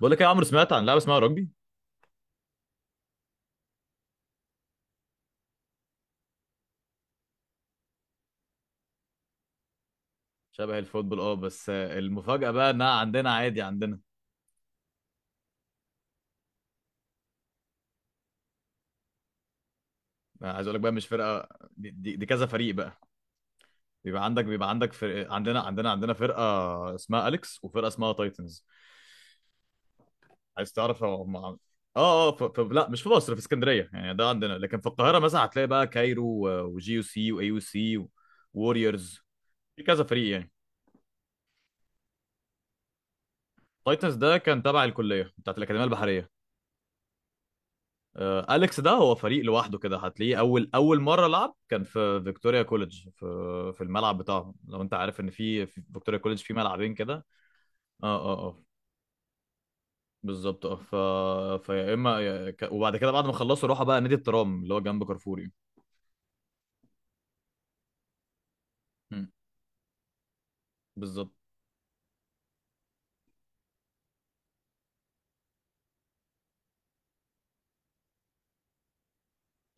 بقول لك إيه يا عمرو، سمعت عن لعبه اسمها رجبي؟ شبه الفوتبول، اه بس آه، المفاجاه بقى انها عندنا عادي عندنا. عايز اقول لك بقى، مش فرقه، دي كذا فريق بقى. بيبقى عندك فرق، عندنا فرقه اسمها اليكس وفرقه اسمها تايتنز. عايز تعرف هم لا مش في مصر، في اسكندريه يعني ده عندنا، لكن في القاهره مثلا هتلاقي بقى كايرو وجي يو سي واي يو سي ووريورز، في كذا فريق يعني. تايتنز ده كان تبع الكليه بتاعت الاكاديميه البحريه. أليكس ده هو فريق لوحده كده، هتلاقيه أول مرة لعب كان في فيكتوريا كوليدج، في الملعب بتاعهم، لو أنت عارف إن في فيكتوريا كوليدج في ملعبين كده. أه أه بالظبط. أه ف... فيا إما يا- ك- وبعد كده بعد ما خلصوا راحوا بقى نادي الترام اللي هو جنب كارفوري. مم. بالظبط.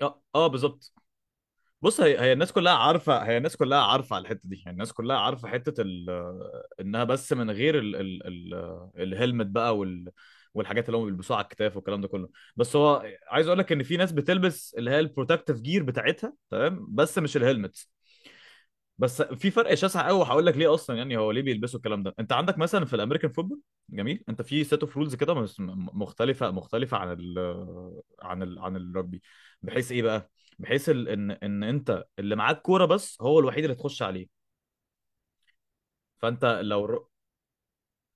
أه أه بالظبط. بص، هي الناس كلها عارفه، هي الناس كلها عارفه على الحته دي، يعني الناس كلها عارفه انها بس من غير ال... الهلمت بقى والحاجات اللي هم بيلبسوها على الكتاف والكلام ده كله. بس هو عايز اقول لك ان في ناس بتلبس اللي هي البروتكتيف جير بتاعتها، تمام، بس مش الهلمت. بس في فرق شاسع قوي، وهقول لك ليه اصلا. يعني هو ليه بيلبسوا الكلام ده؟ انت عندك مثلا في الامريكان فوتبول، جميل، انت في سيت اوف رولز كده مختلفه، مختلفه عن الرugby، بحيث ايه بقى، ان انت اللي معاك كوره بس، هو الوحيد اللي تخش عليه. فانت لو ر-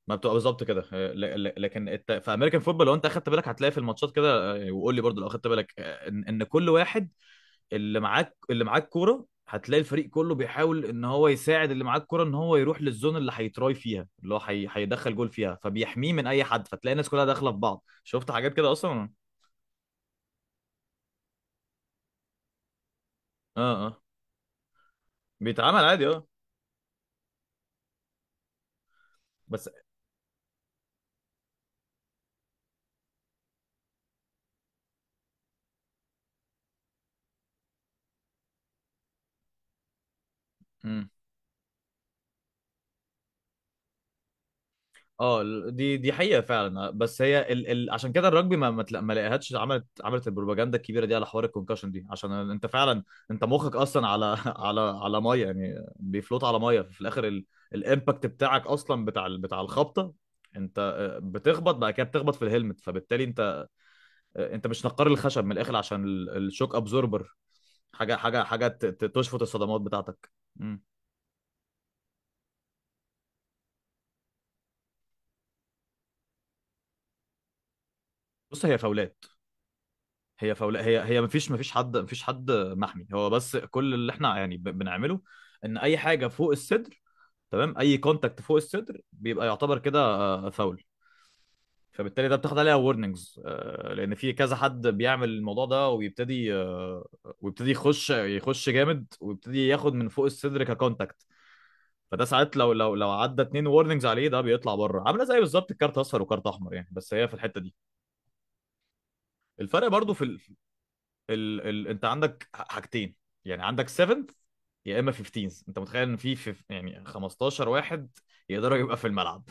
ما بتبقى بالظبط كده، لكن في امريكان فوتبول لو انت اخدت بالك هتلاقي في الماتشات كده، وقول لي برضو لو اخدت بالك، ان كل واحد، اللي معاك كوره، هتلاقي الفريق كله بيحاول ان هو يساعد اللي معاه الكوره ان هو يروح للزون اللي هيتراي فيها، اللي هو هيدخل جول فيها، فبيحميه من اي حد، فتلاقي الناس كلها داخله في بعض. شفت حاجات كده اصلا. اه اه بيتعمل عادي، اه. بس مم. دي حقيقه فعلا، بس هي عشان كده الرجبي ما لقيهاش، عملت البروباجندا الكبيره دي على حوار الكونكشن دي، عشان انت فعلا انت مخك اصلا على على ميه يعني، بيفلوت على ميه في الاخر. الامباكت بتاعك اصلا بتاع بتاع الخبطه، انت بتخبط، بعد كده بتخبط في الهلمت، فبالتالي انت انت مش نقار الخشب من الاخر، عشان الشوك ابزوربر، تشفط الصدمات بتاعتك. بص، هي فاولات. هي فولا هي هي مفيش حد محمي. هو بس كل اللي احنا يعني بنعمله ان اي حاجه فوق الصدر، تمام، اي كونتاكت فوق الصدر بيبقى يعتبر كده فاول، فبالتالي ده بتاخد عليها وورنينجز، لان في كذا حد بيعمل الموضوع ده، ويبتدي، ويبتدي يخش جامد ويبتدي ياخد من فوق الصدر ككونتاكت. فده ساعات لو عدى اتنين وورنينجز عليه، ده بيطلع بره، عامله زي بالظبط الكارت اصفر وكارت احمر يعني. بس هي في الحته دي الفرق برضو في انت عندك حاجتين، يعني عندك 7 يا اما 15. انت متخيل ان يعني 15 واحد يقدروا يبقى في الملعب؟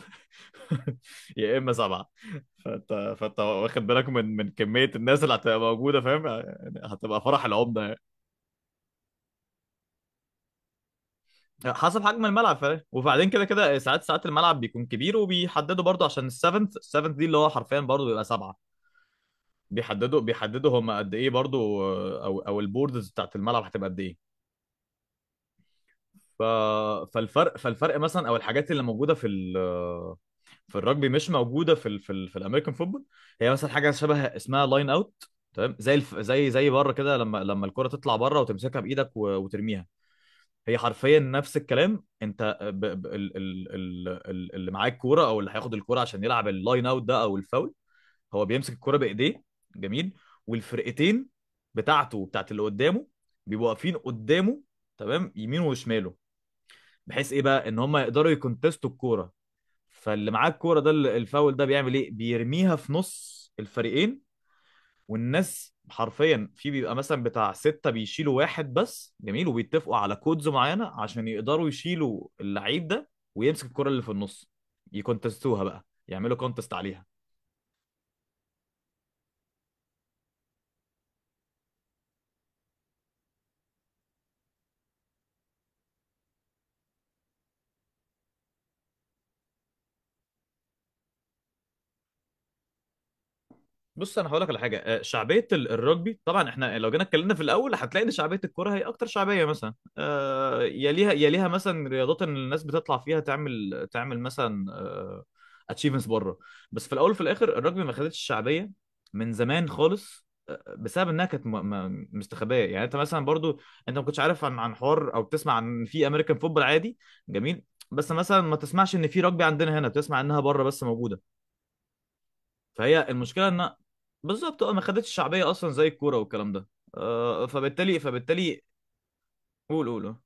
يا اما سبعه. فانت واخد بالك من كميه الناس اللي هتبقى موجوده. فاهم يعني؟ هتبقى فرح العمده يعني. حسب حجم الملعب، فاهم؟ وبعدين كده ساعات الملعب بيكون كبير، وبيحددوا برضو، عشان السفنت دي اللي هو حرفيا برضو بيبقى سبعه، بيحددوا هم قد ايه برضو، او البوردز بتاعت الملعب هتبقى قد ايه. ف... فالفرق فالفرق مثلا، او الحاجات اللي موجوده في الرجبي مش موجوده في الامريكان فوتبول. هي مثلا حاجه شبه اسمها لاين اوت، تمام، زي الف... زي زي بره كده، لما لما الكره تطلع بره وتمسكها بايدك وترميها. هي حرفيا نفس الكلام. انت ب... ب... ال... ال... ال... ال- اللي معاه الكوره، او اللي هياخد الكوره عشان يلعب اللاين اوت ده او الفاول، هو بيمسك الكوره بايديه، جميل، والفرقتين بتاعته وبتاعت اللي قدامه بيبقوا واقفين قدامه، تمام، يمين وشماله، بحيث ايه بقى، ان هم يقدروا يكونتستوا الكوره. فاللي معاه الكوره ده الفاول ده بيعمل ايه؟ بيرميها في نص الفريقين، والناس حرفيا في بيبقى مثلا بتاع ستة، بيشيلوا واحد بس، جميل، وبيتفقوا على كودز معينة عشان يقدروا يشيلوا اللعيب ده ويمسك الكرة اللي في النص، يكونتستوها بقى، يعملوا كونتست عليها. بص، انا هقول لك على حاجه، شعبيه الرجبي، طبعا احنا لو جينا اتكلمنا في الاول هتلاقي ان شعبيه الكوره هي اكتر شعبيه، مثلا يليها مثلا رياضات ان الناس بتطلع فيها تعمل مثلا اتشيفمنتس بره. بس في الاول وفي الاخر الرجبي ما خدتش الشعبيه من زمان خالص، بسبب انها كانت مستخبيه، يعني انت مثلا برضو انت ما كنتش عارف عن حوار، او بتسمع عن في امريكان فوتبول عادي، جميل، بس مثلا ما تسمعش ان في رجبي عندنا هنا، بتسمع انها بره بس موجوده. فهي المشكله ان، بالظبط، اه، ما خدتش شعبيه اصلا زي الكوره والكلام ده. فبالتالي قول.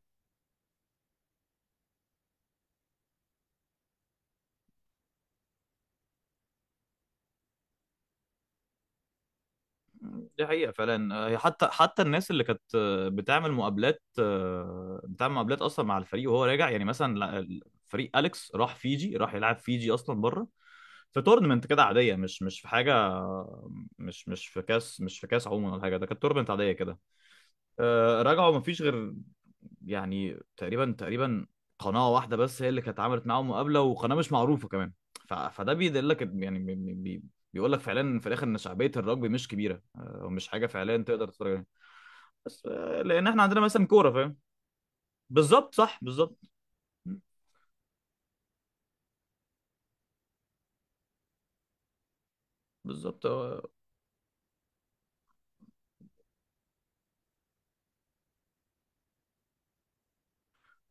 دي حقيقه فعلا. آه، هي حتى حتى الناس اللي كانت، بتعمل مقابلات، بتعمل مقابلات اصلا مع الفريق وهو راجع، يعني مثلا فريق اليكس راح فيجي، راح يلعب فيجي اصلا بره في تورنمنت كده عاديه، مش في كاس، مش في كاس عموما ولا حاجه، ده كانت تورنمنت عاديه كده. رجعوا مفيش غير، يعني تقريبا قناة واحدة بس هي اللي كانت عملت معاهم مقابلة، وقناة مش معروفة كمان. فده بيدلك بيقول لك فعلا في الاخر ان شعبية الرugby مش كبيرة، ومش حاجة فعليا تقدر تتفرج عليها. بس، لان احنا عندنا مثلا كورة، فاهم؟ بالظبط. بالظبط. آه،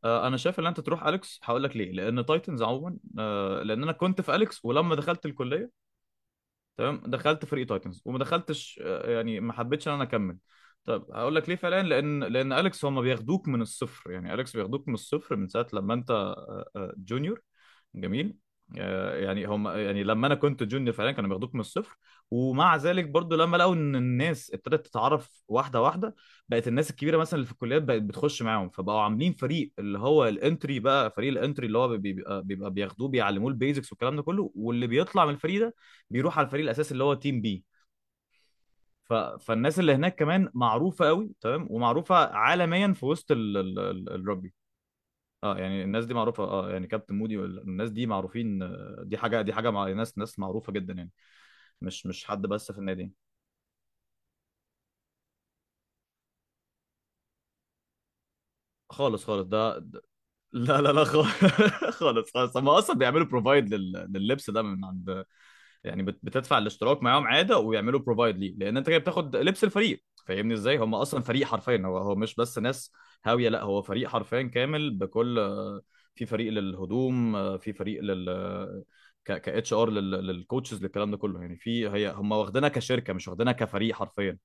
آه، انا شايف ان انت تروح اليكس، هقول لك ليه، لان تايتنز عموما لان انا كنت في اليكس، ولما دخلت الكلية، تمام، دخلت فريق تايتنز، وما دخلتش، يعني ما حبيتش ان انا اكمل. طب هقول لك ليه فعلا، لان اليكس هم بياخدوك من الصفر، يعني اليكس بياخدوك من الصفر من ساعه لما انت جونيور، جميل. يعني هم، يعني لما انا كنت جونيور فعلا كانوا بياخدوك من الصفر. ومع ذلك برضو، لما لقوا ان الناس ابتدت تتعرف واحده واحده، بقت الناس الكبيره مثلا اللي في الكليات بقت بتخش معاهم، فبقوا عاملين فريق اللي هو الانتري بقى، فريق الانتري اللي هو بيبقى بياخدوه بيعلموه البيزكس والكلام ده كله، واللي بيطلع من الفريق ده بيروح على الفريق الاساسي اللي هو تيم بي. فالناس اللي هناك كمان معروفه قوي، تمام، ومعروفه عالميا في وسط الرugby. اه يعني الناس دي معروفه، اه، يعني كابتن مودي والناس دي معروفين. دي حاجه مع ناس معروفه جدا يعني، مش حد بس في النادي. خالص خالص ده ده- لا خالص خالص هم اصلا بيعملوا بروفايد لللبس ده من عند، يعني بتدفع الاشتراك معاهم عاده، ويعملوا بروفايد ليه، لان انت كده بتاخد لبس الفريق. فاهمني ازاي؟ هم اصلا فريق حرفيا، هو مش بس ناس هاويه، لا، هو فريق حرفيا كامل بكل، في فريق للهدوم، في فريق لل ك ك اتش ار، للكوتشز، للكلام ده كله يعني، في، هي هم واخدينها كشركه مش واخدينها كفريق حرفيا.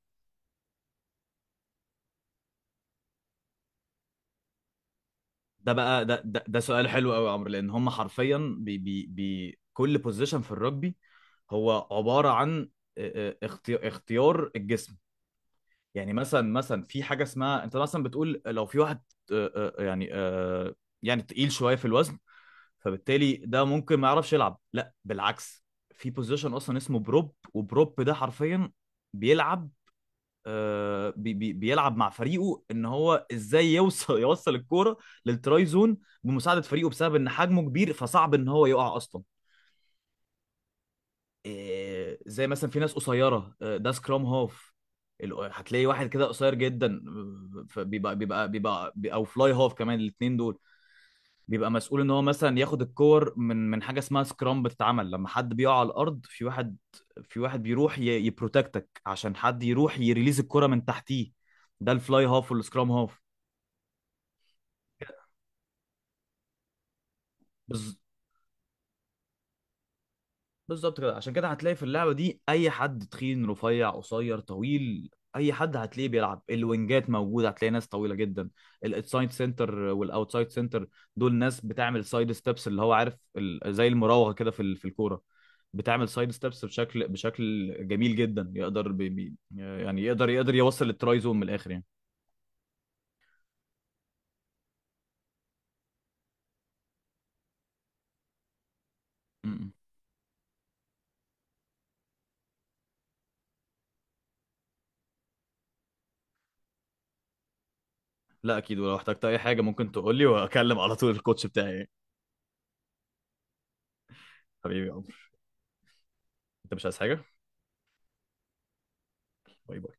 ده بقى ده ده, ده سؤال حلو قوي يا عمرو، لان هم حرفيا بي بي بي كل بوزيشن في الرugby هو عباره عن اختيار الجسم. يعني مثلا في حاجه اسمها، انت مثلا بتقول لو في واحد، آه، آه، يعني آه، يعني تقيل شويه في الوزن، فبالتالي ده ممكن ما يعرفش يلعب. لا، بالعكس، في بوزيشن اصلا اسمه بروب، وبروب ده حرفيا بيلعب، آه، بي بي بيلعب مع فريقه ان هو ازاي يوصل يوصل الكوره للتراي زون بمساعده فريقه، بسبب ان حجمه كبير فصعب ان هو يقع اصلا. إيه، زي مثلا في ناس قصيره، ده سكرام هاف، هتلاقي واحد كده قصير جدا، آه، فبيبقى بيبقى بيبقى بي- او فلاي هاف كمان، الاثنين دول بيبقى مسؤول ان هو مثلا ياخد الكور من حاجه اسمها سكرام، بتتعمل لما حد بيقع على الارض، في واحد بيروح يبروتكتك، عشان حد يروح يريليز الكره من تحتيه، ده الفلاي هاف والسكرام هاف. بالظبط كده، عشان كده هتلاقي في اللعبه دي اي حد، تخين، رفيع، قصير، طويل، اي حد هتلاقيه بيلعب. الوينجات موجوده، هتلاقي ناس طويله جدا، السايد سنتر والاوتسايد سنتر، دول ناس بتعمل سايد ستيبس، اللي هو عارف زي المراوغه كده في في الكوره، بتعمل سايد ستيبس بشكل، جميل جدا، يقدر يعني يقدر يوصل للتراي زون من الاخر يعني. م- م. لا اكيد، ولو احتجت اي حاجه ممكن تقول لي، واكلم على طول الكوتش بتاعي. حبيبي يا عمر، انت مش عايز حاجه؟ باي باي.